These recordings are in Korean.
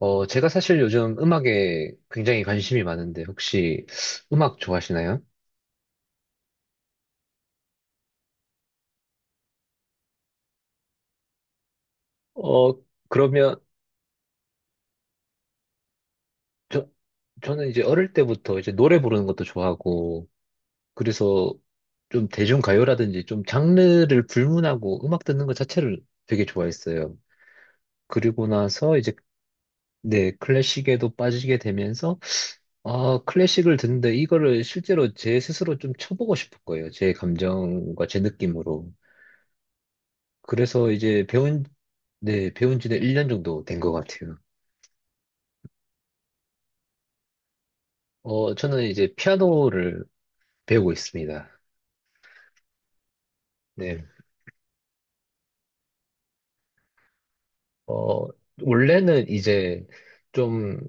제가 사실 요즘 음악에 굉장히 관심이 많은데, 혹시 음악 좋아하시나요? 어, 그러면, 저, 저는 이제 어릴 때부터 이제 노래 부르는 것도 좋아하고, 그래서 좀 대중가요라든지 좀 장르를 불문하고 음악 듣는 것 자체를 되게 좋아했어요. 그리고 나서 이제, 네, 클래식에도 빠지게 되면서, 아, 클래식을 듣는데 이거를 실제로 제 스스로 좀 쳐보고 싶은 거예요. 제 감정과 제 느낌으로. 그래서 이제 배운, 네, 배운 지는 1년 정도 된 것 같아요. 저는 이제 피아노를 배우고 있습니다. 네. 어, 원래는 이제 좀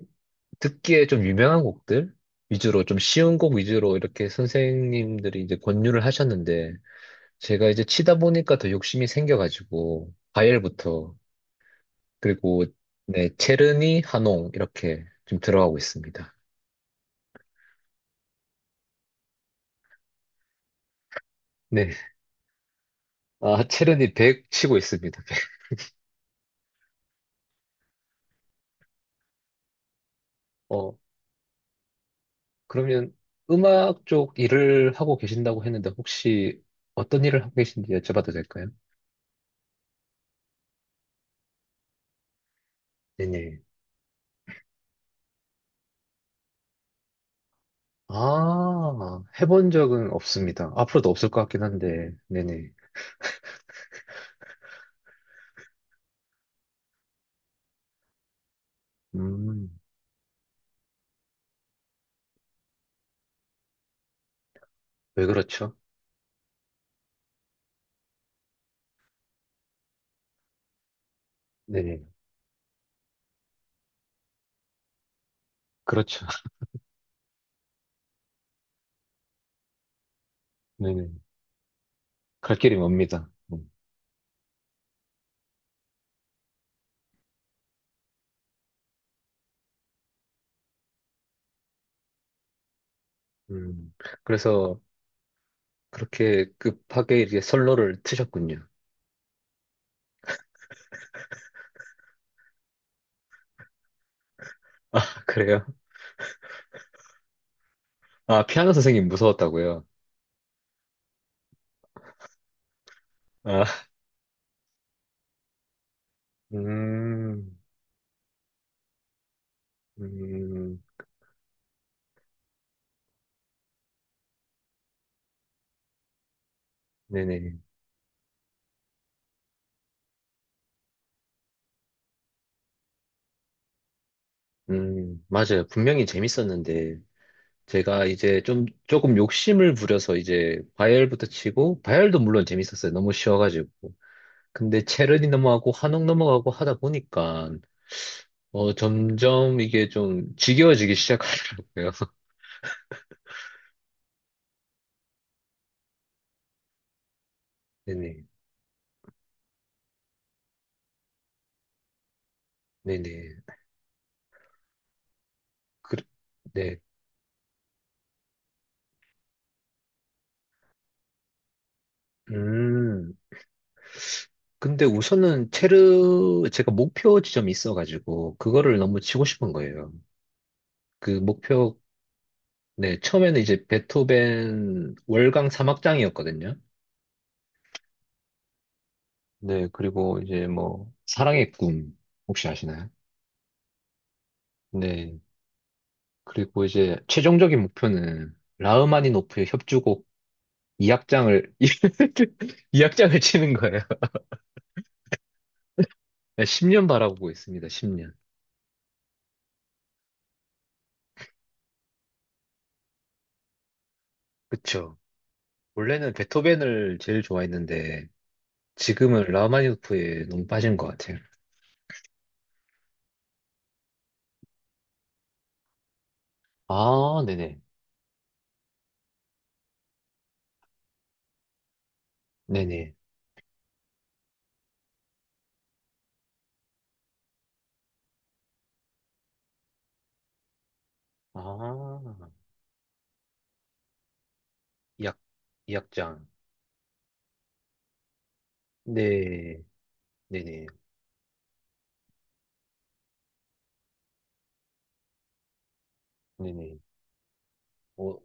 듣기에 좀 유명한 곡들 위주로 좀 쉬운 곡 위주로 이렇게 선생님들이 이제 권유를 하셨는데 제가 이제 치다 보니까 더 욕심이 생겨가지고 바이엘부터 그리고 네, 체르니, 하농 이렇게 좀 들어가고 있습니다. 네. 아, 체르니 100 치고 있습니다. 어, 그러면 음악 쪽 일을 하고 계신다고 했는데 혹시 어떤 일을 하고 계신지 여쭤봐도 될까요? 네네. 아, 해본 적은 없습니다. 앞으로도 없을 것 같긴 한데, 네네. 음, 왜 그렇죠? 네네. 그렇죠. 네네. 갈 길이 멉니다. 음. 음. 그래서 그렇게 급하게 이제 선로를 트셨군요. 아, 그래요? 아, 피아노 선생님 무서웠다고요? 아, 음, 음, 네네. 맞아요. 분명히 재밌었는데, 제가 이제 좀, 조금 욕심을 부려서 이제 바이엘부터 치고, 바이엘도 물론 재밌었어요. 너무 쉬워가지고. 근데 체르니 넘어가고, 한옥 넘어가고 하다 보니까, 점점 이게 좀 지겨워지기 시작하더라고요. 네네. 네네. 그, 네. 음. 근데 우선은 제가 목표 지점이 있어가지고, 그거를 너무 치고 싶은 거예요. 그 목표 네, 처음에는 이제 베토벤 월강 3악장이었거든요. 네, 그리고 이제 뭐 사랑의 꿈 혹시 아시나요? 네, 그리고 이제 최종적인 목표는 라흐마니노프의 협주곡 2악장을 2악장을 치는 거예요. 네, 10년 바라보고 있습니다. 10년. 그쵸. 원래는 베토벤을 제일 좋아했는데 지금은 라흐마니노프에 너무 빠진 것 같아요. 아, 네네. 네네. 아, 이악 2악장. 네. 네네, 네네, 어,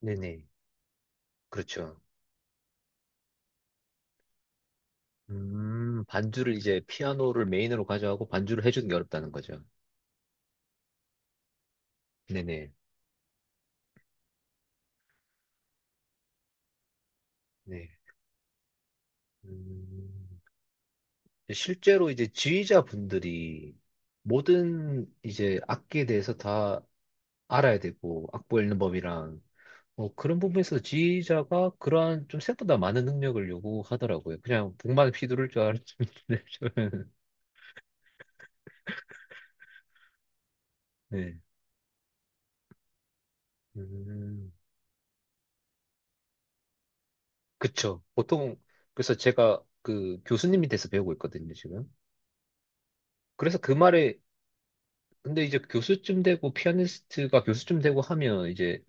네네, 그렇죠. 반주를 이제 피아노를 메인으로 가져가고 반주를 해주는 게 어렵다는 거죠. 네네, 네. 음, 실제로 이제 지휘자분들이 모든 이제 악기에 대해서 다 알아야 되고, 악보 읽는 법이랑, 뭐 그런 부분에서 지휘자가 그러한 좀 생각보다 많은 능력을 요구하더라고요. 그냥 북만 휘두를 줄 알았는데, 저는. 네. 음, 그쵸. 보통, 그래서 제가 그 교수님이 돼서 배우고 있거든요, 지금. 그래서 그 말에, 근데 이제 교수쯤 되고, 피아니스트가 교수쯤 되고 하면, 이제,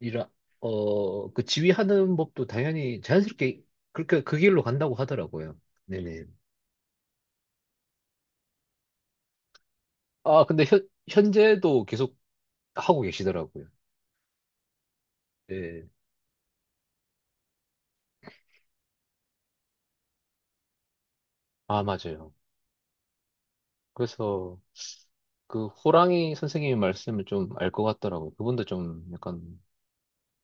이라, 그 지휘하는 법도 당연히 자연스럽게 그렇게 그 길로 간다고 하더라고요. 네네. 아, 근데 현재도 계속 하고 계시더라고요. 네. 아, 맞아요. 그래서 그 호랑이 선생님의 말씀을 좀 알 것 같더라고요. 그분도 좀 약간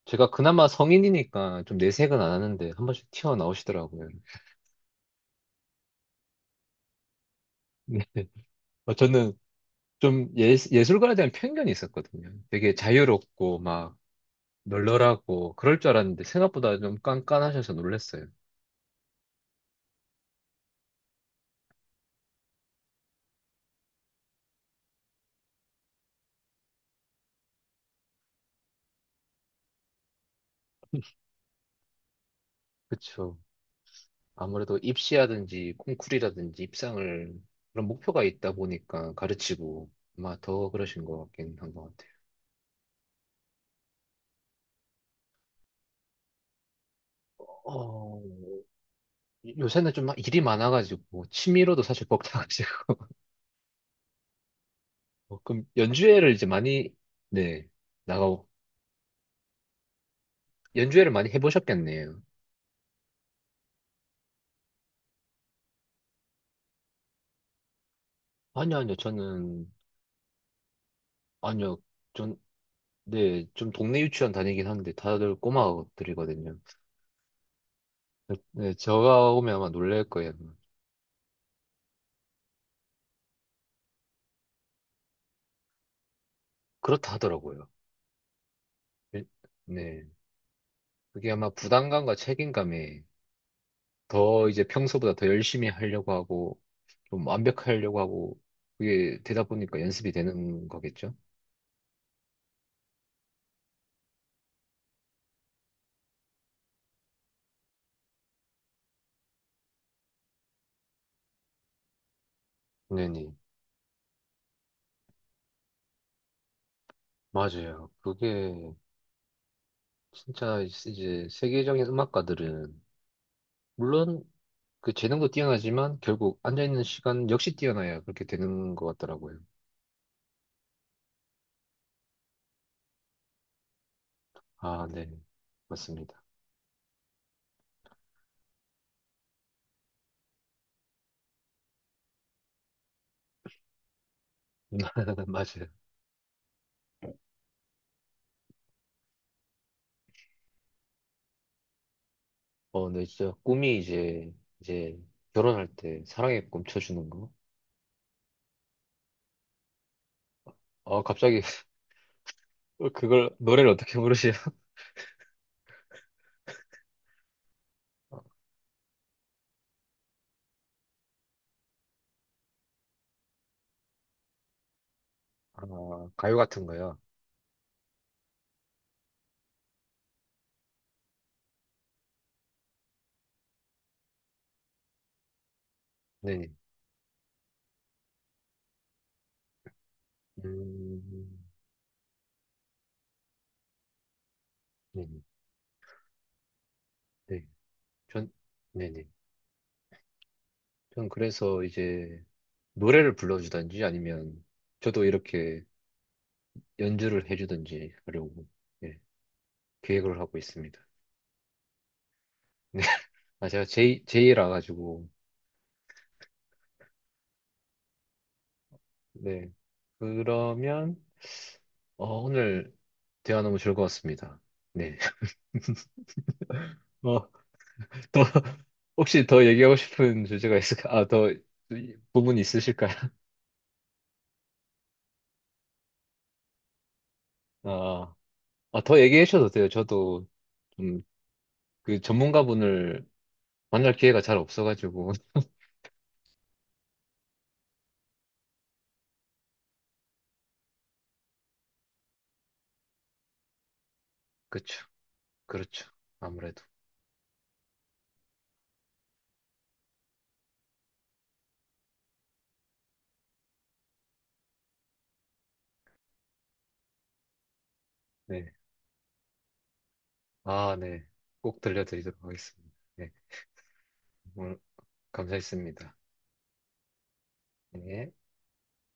제가 그나마 성인이니까 좀 내색은 안 하는데 한 번씩 튀어나오시더라고요. 네. 저는 좀 예술가에 대한 편견이 있었거든요. 되게 자유롭고 막 널널하고 그럴 줄 알았는데 생각보다 좀 깐깐하셔서 놀랐어요. 그쵸. 아무래도 입시라든지 콩쿨이라든지 입상을 그런 목표가 있다 보니까 가르치고 아마 더 그러신 것 같긴 한 것 같아요. 어, 요새는 좀 일이 많아가지고 취미로도 사실 먹다가 그럼 연주회를 이제 많이, 네, 나가고, 연주회를 많이 해보셨겠네요. 아니요, 아니요, 저는, 아니요, 전, 네, 좀 동네 유치원 다니긴 하는데 다들 꼬마들이거든요. 네, 제가 오면 아마 놀랄 거예요. 그렇다 하더라고요. 네, 네. 그게 아마 부담감과 책임감에 더 이제 평소보다 더 열심히 하려고 하고, 좀 완벽하려고 하고, 그게 되다 보니까 연습이 되는 거겠죠? 네네. 맞아요. 그게 진짜 이제 세계적인 음악가들은 물론 그 재능도 뛰어나지만 결국 앉아있는 시간 역시 뛰어나야 그렇게 되는 것 같더라고요. 아, 네. 맞습니다. 맞아요. 네, 진짜 꿈이 이제 결혼할 때 사랑에 꿈쳐주는 거. 갑자기 그걸 노래를 어떻게 부르시나? 아, 가요 같은 거요. 네네. 음, 네네. 네. 전, 네네. 전 그래서 이제 노래를 불러주든지 아니면 저도 이렇게 연주를 해주든지 하려고 예, 계획을 하고 있습니다. 네. 아, 제가 제이라 가지고 네. 그러면 오늘 대화 너무 즐거웠습니다. 네. 어, 더 혹시 더 얘기하고 싶은 주제가 있을까? 아, 더 부분이 있으실까요? 아, 아, 더 얘기해 주셔도 돼요. 저도 좀 그 전문가분을 만날 기회가 잘 없어가지고 그렇죠, 그렇죠. 아무래도 네, 아, 네, 꼭 들려드리도록 하겠습니다. 네, 오늘 감사했습니다. 네.